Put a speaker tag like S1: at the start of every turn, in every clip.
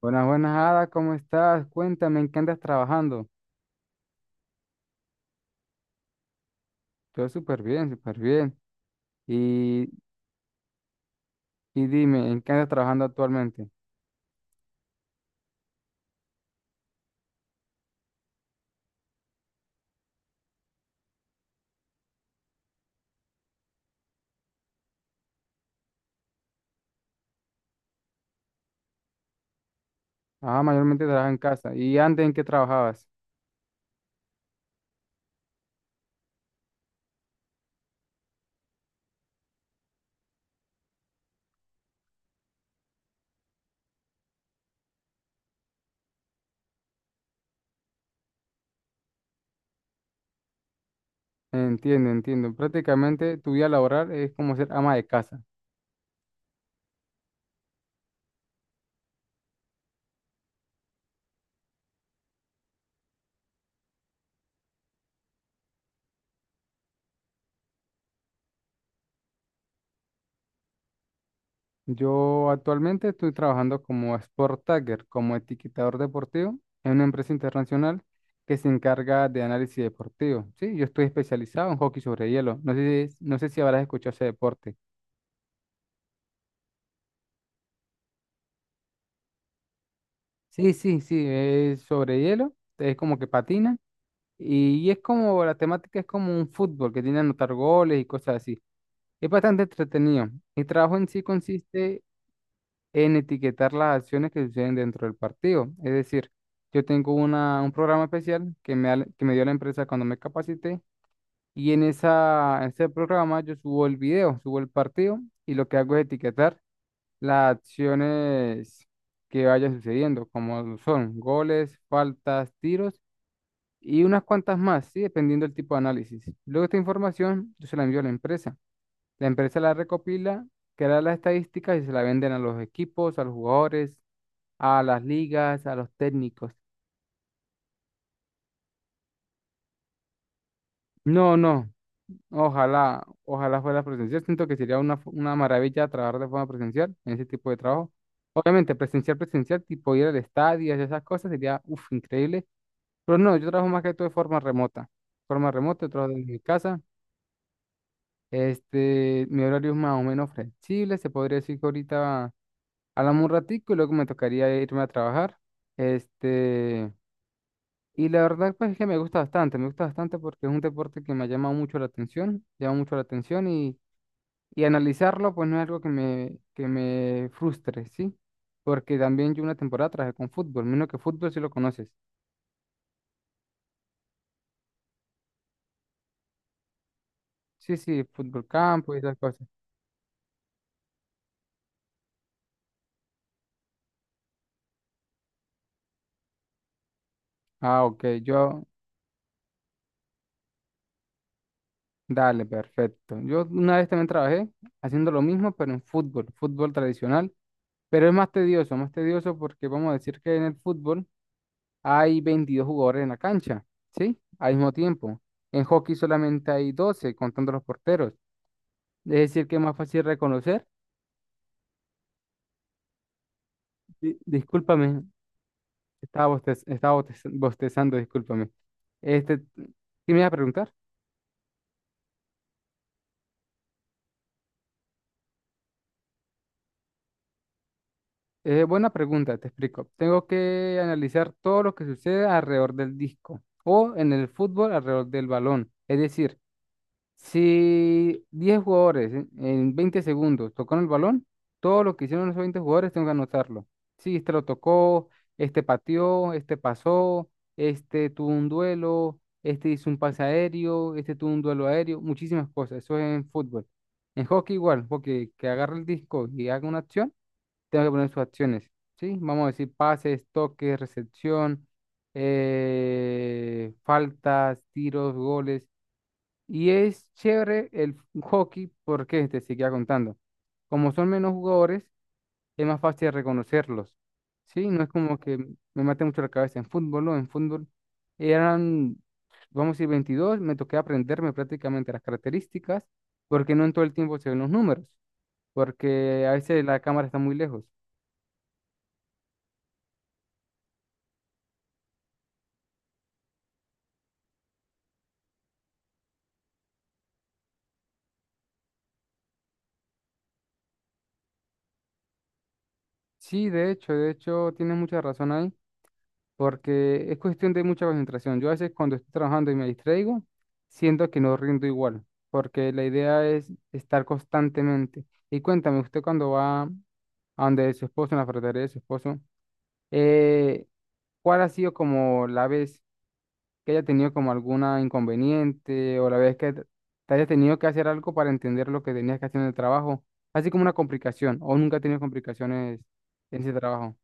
S1: Buenas, buenas, Ada, ¿cómo estás? Cuéntame, ¿en qué andas trabajando? Yo súper bien, súper bien. Y, y dime, ¿en qué andas trabajando actualmente? Ah, mayormente trabajas en casa. ¿Y antes en qué trabajabas? Entiendo, entiendo. Prácticamente tu vida laboral es como ser ama de casa. Yo actualmente estoy trabajando como Sport Tagger, como etiquetador deportivo en una empresa internacional que se encarga de análisis deportivo. Sí, yo estoy especializado en hockey sobre hielo. No sé, no sé si habrás escuchado ese deporte. Sí, sí, sí, es sobre hielo, es como que patina y es como la temática es como un fútbol que tiene que anotar goles y cosas así. Es bastante entretenido. Mi trabajo en sí consiste en etiquetar las acciones que suceden dentro del partido. Es decir, yo tengo un programa especial que me dio la empresa cuando me capacité y en en ese programa yo subo el video, subo el partido y lo que hago es etiquetar las acciones que vayan sucediendo, como son goles, faltas, tiros y unas cuantas más, ¿sí? Dependiendo del tipo de análisis. Luego esta información yo se la envío a la empresa. La empresa la recopila, crea las estadísticas y se la venden a los equipos, a los jugadores, a las ligas, a los técnicos. No, no, ojalá, ojalá fuera presencial. Siento que sería una maravilla trabajar de forma presencial en ese tipo de trabajo. Obviamente, presencial, presencial, tipo ir al estadio y esas cosas sería, uf, increíble. Pero no, yo trabajo más que todo de forma remota. Forma remota, trabajo desde mi casa. Este, mi horario es más o menos flexible. Se podría decir que ahorita hablamos un ratico y luego me tocaría irme a trabajar. Este, y la verdad pues es que me gusta bastante porque es un deporte que me ha llamado mucho la atención, llama mucho la atención y analizarlo pues no es algo que me frustre, ¿sí? Porque también yo una temporada trabajé con fútbol, menos que fútbol si lo conoces. Sí, sí, fútbol campo y esas cosas. Ah, ok. Yo, dale, perfecto. Yo una vez también trabajé haciendo lo mismo, pero en fútbol, fútbol tradicional, pero es más tedioso porque vamos a decir que en el fútbol hay 22 jugadores en la cancha, ¿sí? Al mismo tiempo. En hockey solamente hay 12 contando los porteros. Es decir, que es más fácil reconocer. Discúlpame, estaba bostezando, discúlpame. Este, ¿qué me ibas a preguntar? Buena pregunta, te explico. Tengo que analizar todo lo que sucede alrededor del disco o en el fútbol alrededor del balón. Es decir, si 10 jugadores en 20 segundos tocaron el balón, todo lo que hicieron esos 20 jugadores tengo que anotarlo. Si este lo tocó, este pateó, este pasó, este tuvo un duelo, este hizo un pase aéreo, este tuvo un duelo aéreo, muchísimas cosas. Eso es en fútbol. En hockey igual, porque que agarre el disco y haga una acción tengo que poner sus acciones, ¿sí? Vamos a decir pases, toques, recepción, faltas, tiros, goles. Y es chévere el hockey porque te seguía contando. Como son menos jugadores, es más fácil reconocerlos, ¿sí? No es como que me mate mucho la cabeza en fútbol, ¿no? En fútbol eran, vamos a decir, 22, me toqué aprenderme prácticamente las características porque no en todo el tiempo se ven los números porque a veces la cámara está muy lejos. Sí, de hecho, tienes mucha razón ahí, porque es cuestión de mucha concentración. Yo a veces cuando estoy trabajando y me distraigo, siento que no rindo igual, porque la idea es estar constantemente. Y cuéntame, usted cuando va a donde su esposo, en la ferretería de su esposo, eh, ¿cuál ha sido como la vez que haya tenido como alguna inconveniente o la vez que te haya tenido que hacer algo para entender lo que tenías que hacer en el trabajo? Así como una complicación, o nunca ha tenido complicaciones en ese trabajo.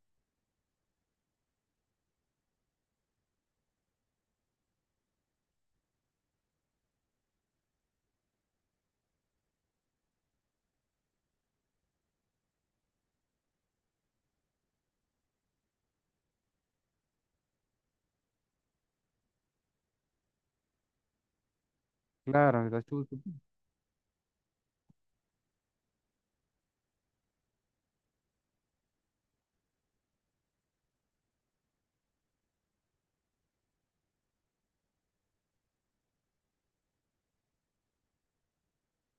S1: Claro, estás tú.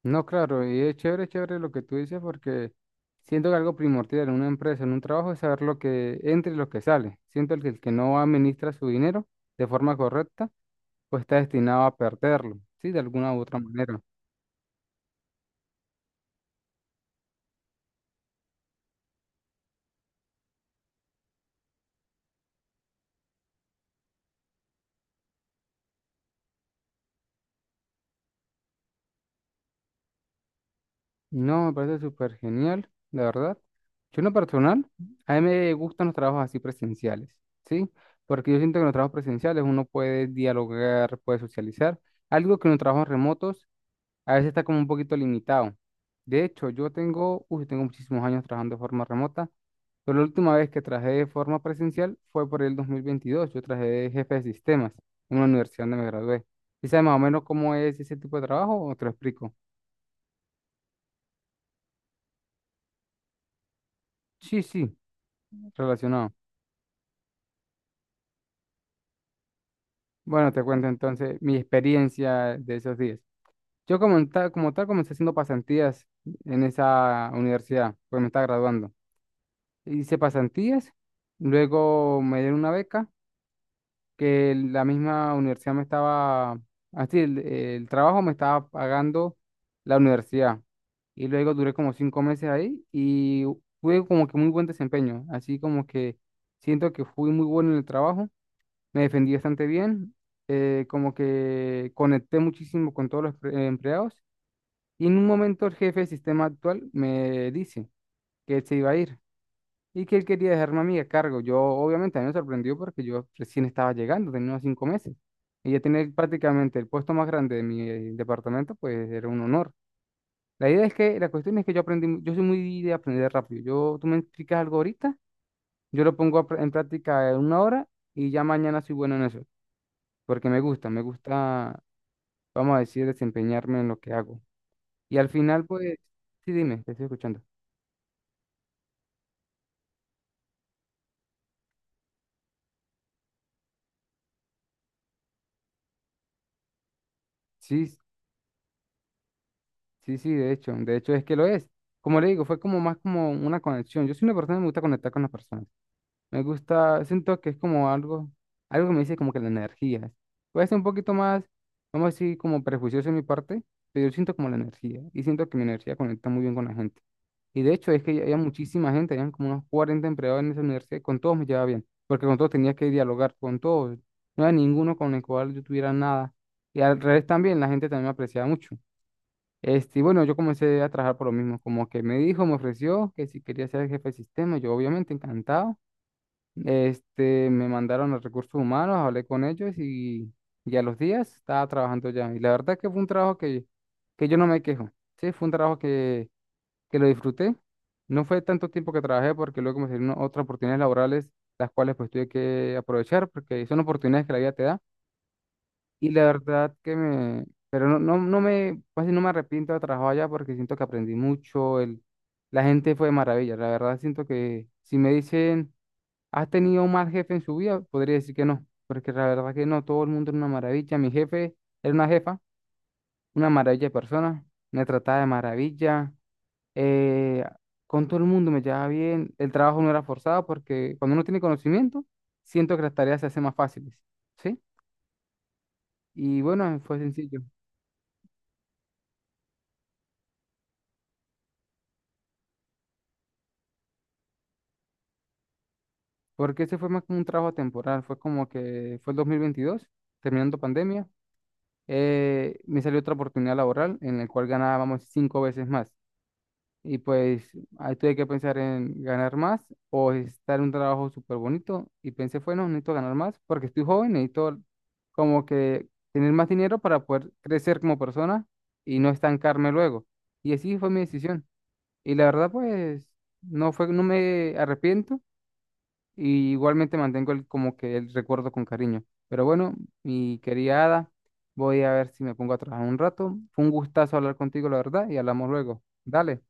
S1: No, claro, y es chévere, chévere lo que tú dices porque siento que algo primordial en una empresa, en un trabajo, es saber lo que entra y lo que sale. Siento que el que no administra su dinero de forma correcta, pues está destinado a perderlo, ¿sí? De alguna u otra manera. No, me parece súper genial, la verdad. Yo en lo personal, a mí me gustan los trabajos así presenciales, ¿sí? Porque yo siento que en los trabajos presenciales uno puede dialogar, puede socializar, algo que en los trabajos remotos a veces está como un poquito limitado. De hecho, yo tengo, uy, tengo muchísimos años trabajando de forma remota, pero la última vez que trabajé de forma presencial fue por el 2022. Yo trabajé de jefe de sistemas en una universidad donde me gradué. ¿Y sabes más o menos cómo es ese tipo de trabajo o te lo explico? Sí, sí, relacionado. Bueno, te cuento entonces mi experiencia de esos días. Yo como tal comencé haciendo pasantías en esa universidad, pues me estaba graduando. Hice pasantías, luego me dieron una beca que la misma universidad me estaba, así, el trabajo me estaba pagando la universidad. Y luego duré como 5 meses ahí y tuve como que muy buen desempeño. Así como que siento que fui muy bueno en el trabajo, me defendí bastante bien, como que conecté muchísimo con todos los empleados. Y en un momento el jefe de sistema actual me dice que él se iba a ir y que él quería dejarme a mí a cargo. Yo obviamente a mí me sorprendió porque yo recién estaba llegando, tenía unos 5 meses. Y ya tener prácticamente el puesto más grande de mi departamento, pues era un honor. La idea es que, la cuestión es que yo aprendí, yo soy muy de aprender rápido. Yo, tú me explicas algo ahorita, yo lo pongo a en práctica en una hora y ya mañana soy bueno en eso, porque me gusta, vamos a decir, desempeñarme en lo que hago. Y al final, pues, sí, dime, te estoy escuchando. Sí, sí, sí, de hecho es que lo es. Como le digo, fue como más como una conexión. Yo soy una persona que me gusta conectar con las personas. Me gusta, siento que es como algo, algo que me dice como que la energía. Puede ser un poquito más, vamos a decir, como prejuicioso en mi parte, pero yo siento como la energía y siento que mi energía conecta muy bien con la gente. Y de hecho es que había muchísima gente, habían como unos 40 empleados en esa universidad, y con todos me llevaba bien, porque con todos tenía que dialogar, con todos. No había ninguno con el cual yo tuviera nada. Y al revés también, la gente también me apreciaba mucho. Este, y bueno, yo comencé a trabajar por lo mismo, como que me dijo, me ofreció que si quería ser jefe de sistema, yo obviamente encantado. Este, me mandaron a recursos humanos, hablé con ellos y a los días estaba trabajando ya. Y la verdad que fue un trabajo que yo no me quejo, sí, fue un trabajo que lo disfruté. No fue tanto tiempo que trabajé porque luego me salieron otras oportunidades laborales, las cuales pues tuve que aprovechar porque son oportunidades que la vida te da y la verdad que me, pero no, no, no me, casi no me arrepiento de trabajar allá porque siento que aprendí mucho, el, la gente fue de maravilla, la verdad siento que si me dicen, ¿has tenido un mal jefe en su vida? Podría decir que no, porque la verdad que no, todo el mundo era una maravilla, mi jefe era una jefa, una maravilla de persona, me trataba de maravilla, eh, con todo el mundo me llevaba bien, el trabajo no era forzado porque cuando uno tiene conocimiento, siento que las tareas se hacen más fáciles, ¿sí? Y bueno, fue sencillo. Porque ese fue más como un trabajo temporal, fue como que fue el 2022, terminando pandemia, me salió otra oportunidad laboral en la cual ganábamos 5 veces más. Y pues ahí tuve que pensar en ganar más o estar en un trabajo súper bonito. Y pensé, bueno, necesito ganar más porque estoy joven, necesito como que tener más dinero para poder crecer como persona y no estancarme luego. Y así fue mi decisión. Y la verdad, pues no fue, no me arrepiento y igualmente mantengo como que el recuerdo con cariño. Pero bueno, mi querida Ada, voy a ver si me pongo a trabajar un rato. Fue un gustazo hablar contigo, la verdad, y hablamos luego. Dale.